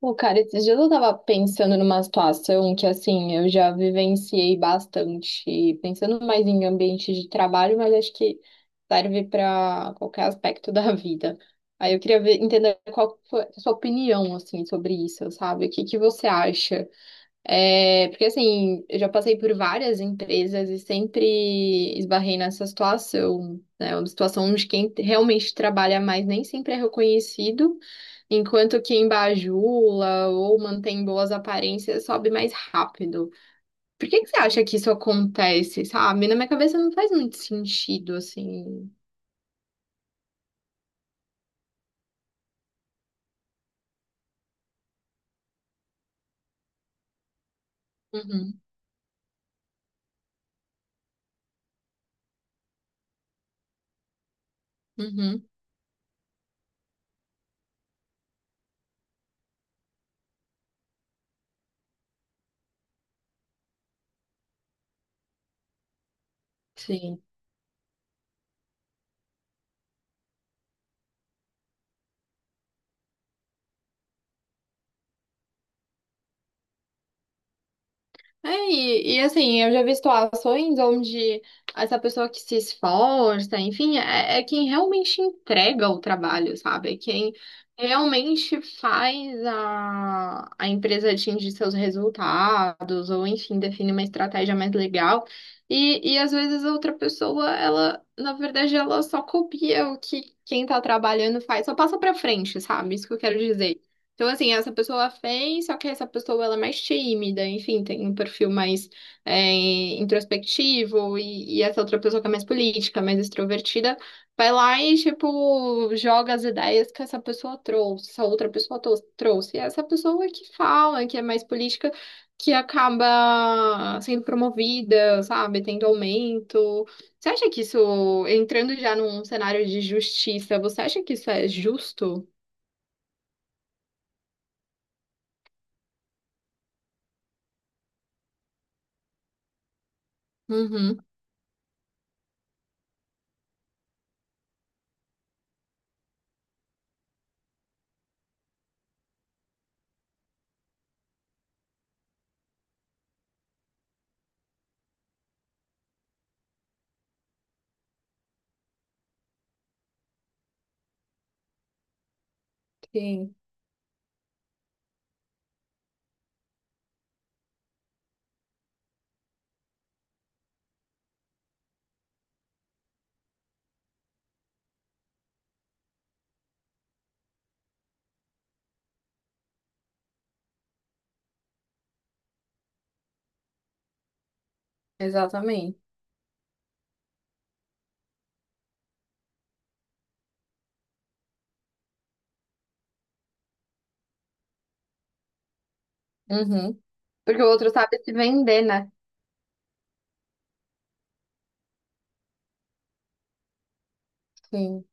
Pô, cara, esses dias eu tava pensando numa situação que, assim, eu já vivenciei bastante, pensando mais em ambiente de trabalho, mas acho que serve para qualquer aspecto da vida. Aí eu queria entender qual foi a sua opinião, assim, sobre isso, sabe? O que que você acha? É, porque assim, eu já passei por várias empresas e sempre esbarrei nessa situação, né? É uma situação onde quem realmente trabalha mais nem sempre é reconhecido, enquanto quem bajula ou mantém boas aparências sobe mais rápido. Por que que você acha que isso acontece, sabe? Na minha cabeça não faz muito sentido, assim. Uhum, uhum, sim. É, assim, eu já vi situações onde essa pessoa que se esforça, enfim, é quem realmente entrega o trabalho, sabe? É quem realmente faz a empresa atingir seus resultados, ou enfim, define uma estratégia mais legal. E às vezes a outra pessoa, ela, na verdade, ela só copia o que quem tá trabalhando faz, só passa pra frente, sabe? Isso que eu quero dizer. Então, assim, essa pessoa fez, só que essa pessoa ela é mais tímida, enfim, tem um perfil mais introspectivo, e essa outra pessoa que é mais política, mais extrovertida, vai lá e, tipo, joga as ideias que essa pessoa trouxe, essa outra pessoa trouxe. E essa pessoa que fala, que é mais política, que acaba sendo promovida, sabe, tendo aumento. Você acha que isso, entrando já num cenário de justiça, você acha que isso é justo? Uhum. Sim. Exatamente. Uhum. Porque o outro sabe se vender, né? Sim,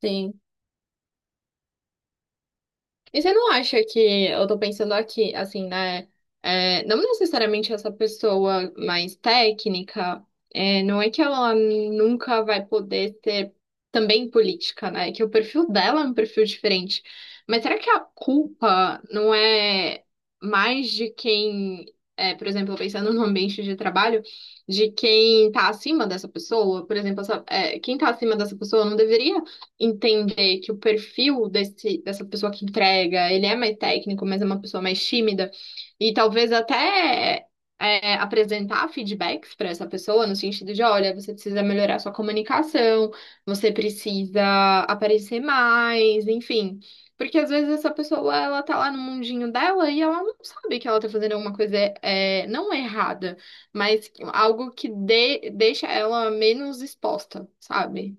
sim. E você não acha que, eu tô pensando aqui, assim, né? Não necessariamente essa pessoa mais técnica, não é que ela nunca vai poder ser também política, né? Que o perfil dela é um perfil diferente. Mas será que a culpa não é mais de quem, é, por exemplo, pensando no ambiente de trabalho, de quem tá acima dessa pessoa? Por exemplo, é, quem tá acima dessa pessoa não deveria entender que o perfil dessa pessoa que entrega, ele é mais técnico, mas é uma pessoa mais tímida, e talvez até apresentar feedbacks para essa pessoa, no sentido de, olha, você precisa melhorar sua comunicação, você precisa aparecer mais, enfim. Porque às vezes essa pessoa, ela tá lá no mundinho dela e ela não sabe que ela tá fazendo alguma coisa não errada, mas algo que deixa ela menos exposta, sabe?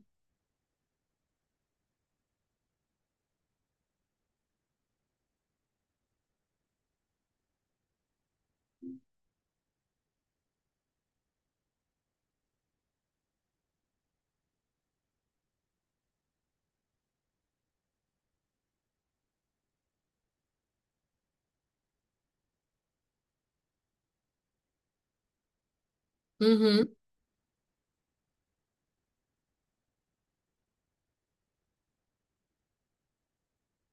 Uhum,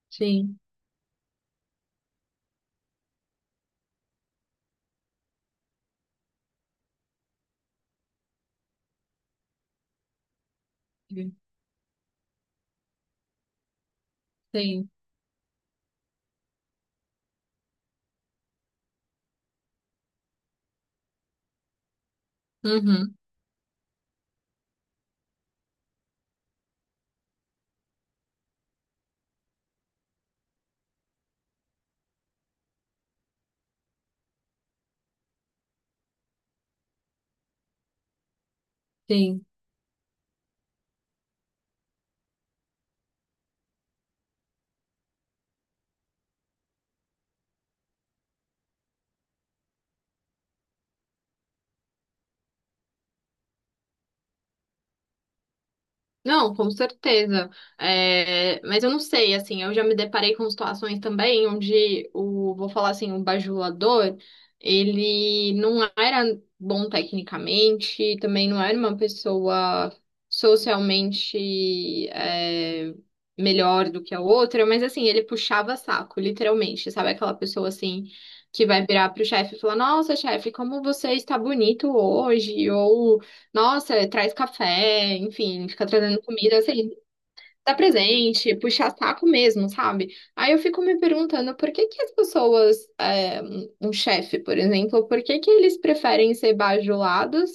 sim. Sim, uhum, sim. Não, com certeza. É, mas eu não sei, assim, eu já me deparei com situações também onde o, vou falar assim, o bajulador, ele não era bom tecnicamente, também não era uma pessoa socialmente, é, melhor do que a outra, mas assim, ele puxava saco, literalmente, sabe? Aquela pessoa assim. Que vai virar pro chefe e falar, nossa, chefe, como você está bonito hoje, ou nossa, traz café, enfim, fica trazendo comida, assim, dá presente, puxar saco mesmo, sabe? Aí eu fico me perguntando por que que as pessoas, é, um chefe, por exemplo, por que que eles preferem ser bajulados,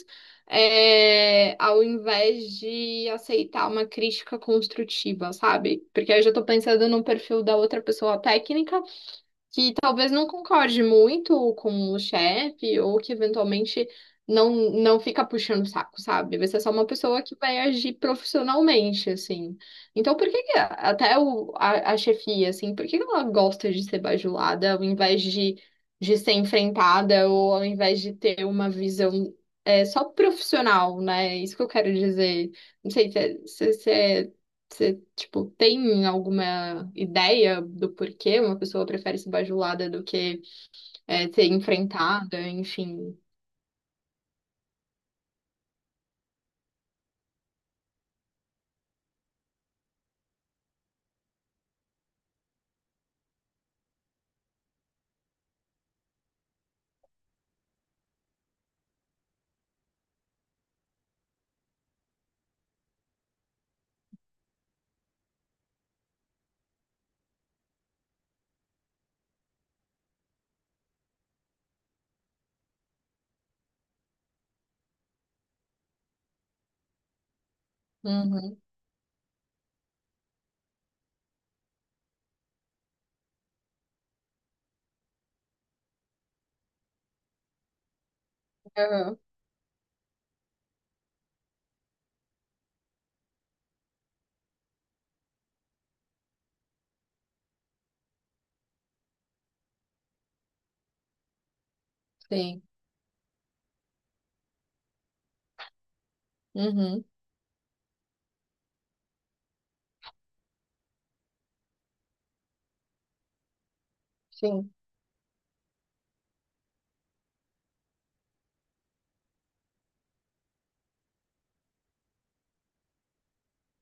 é, ao invés de aceitar uma crítica construtiva, sabe? Porque aí eu já tô pensando no perfil da outra pessoa técnica que talvez não concorde muito com o chefe ou que eventualmente não fica puxando o saco, sabe? Vai ser só uma pessoa que vai agir profissionalmente, assim. Então, por que que até a chefia, assim, por que que ela gosta de ser bajulada ao invés de ser enfrentada ou ao invés de ter uma visão só profissional, né? É isso que eu quero dizer. Não sei se é, você, tipo, tem alguma ideia do porquê uma pessoa prefere ser bajulada do que ser enfrentada, enfim. Uhum. Aham. Sim. Uhum. Sim.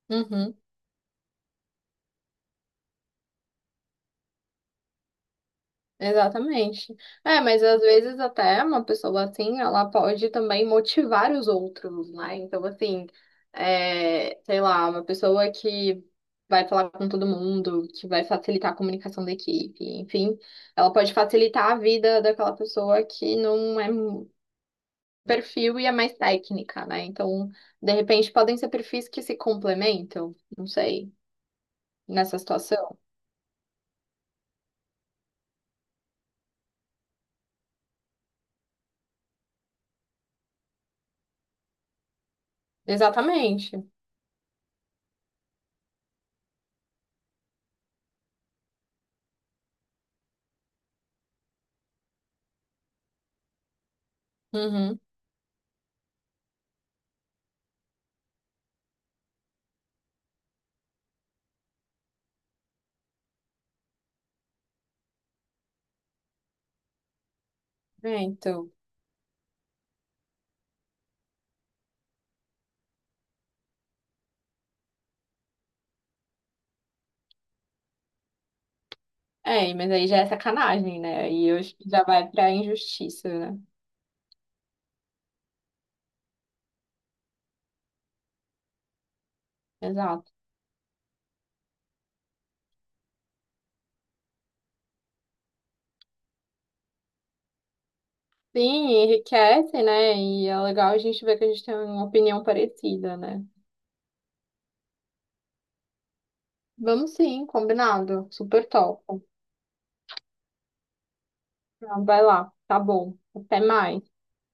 Uhum. Exatamente. É, mas às vezes até uma pessoa assim, ela pode também motivar os outros, né? Então, assim, é, sei lá, uma pessoa que vai falar com todo mundo, que vai facilitar a comunicação da equipe, enfim, ela pode facilitar a vida daquela pessoa que não é perfil e é mais técnica, né? Então, de repente, podem ser perfis que se complementam, não sei, nessa situação. Exatamente. Uhum. É, então. É, mas aí já é sacanagem, né? Aí eu acho que já vai pra injustiça, né? Exato. Sim, enriquece, né? E é legal a gente ver que a gente tem uma opinião parecida, né? Vamos sim, combinado. Super top. Então, vai lá. Tá bom. Até mais.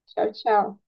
Tchau, tchau.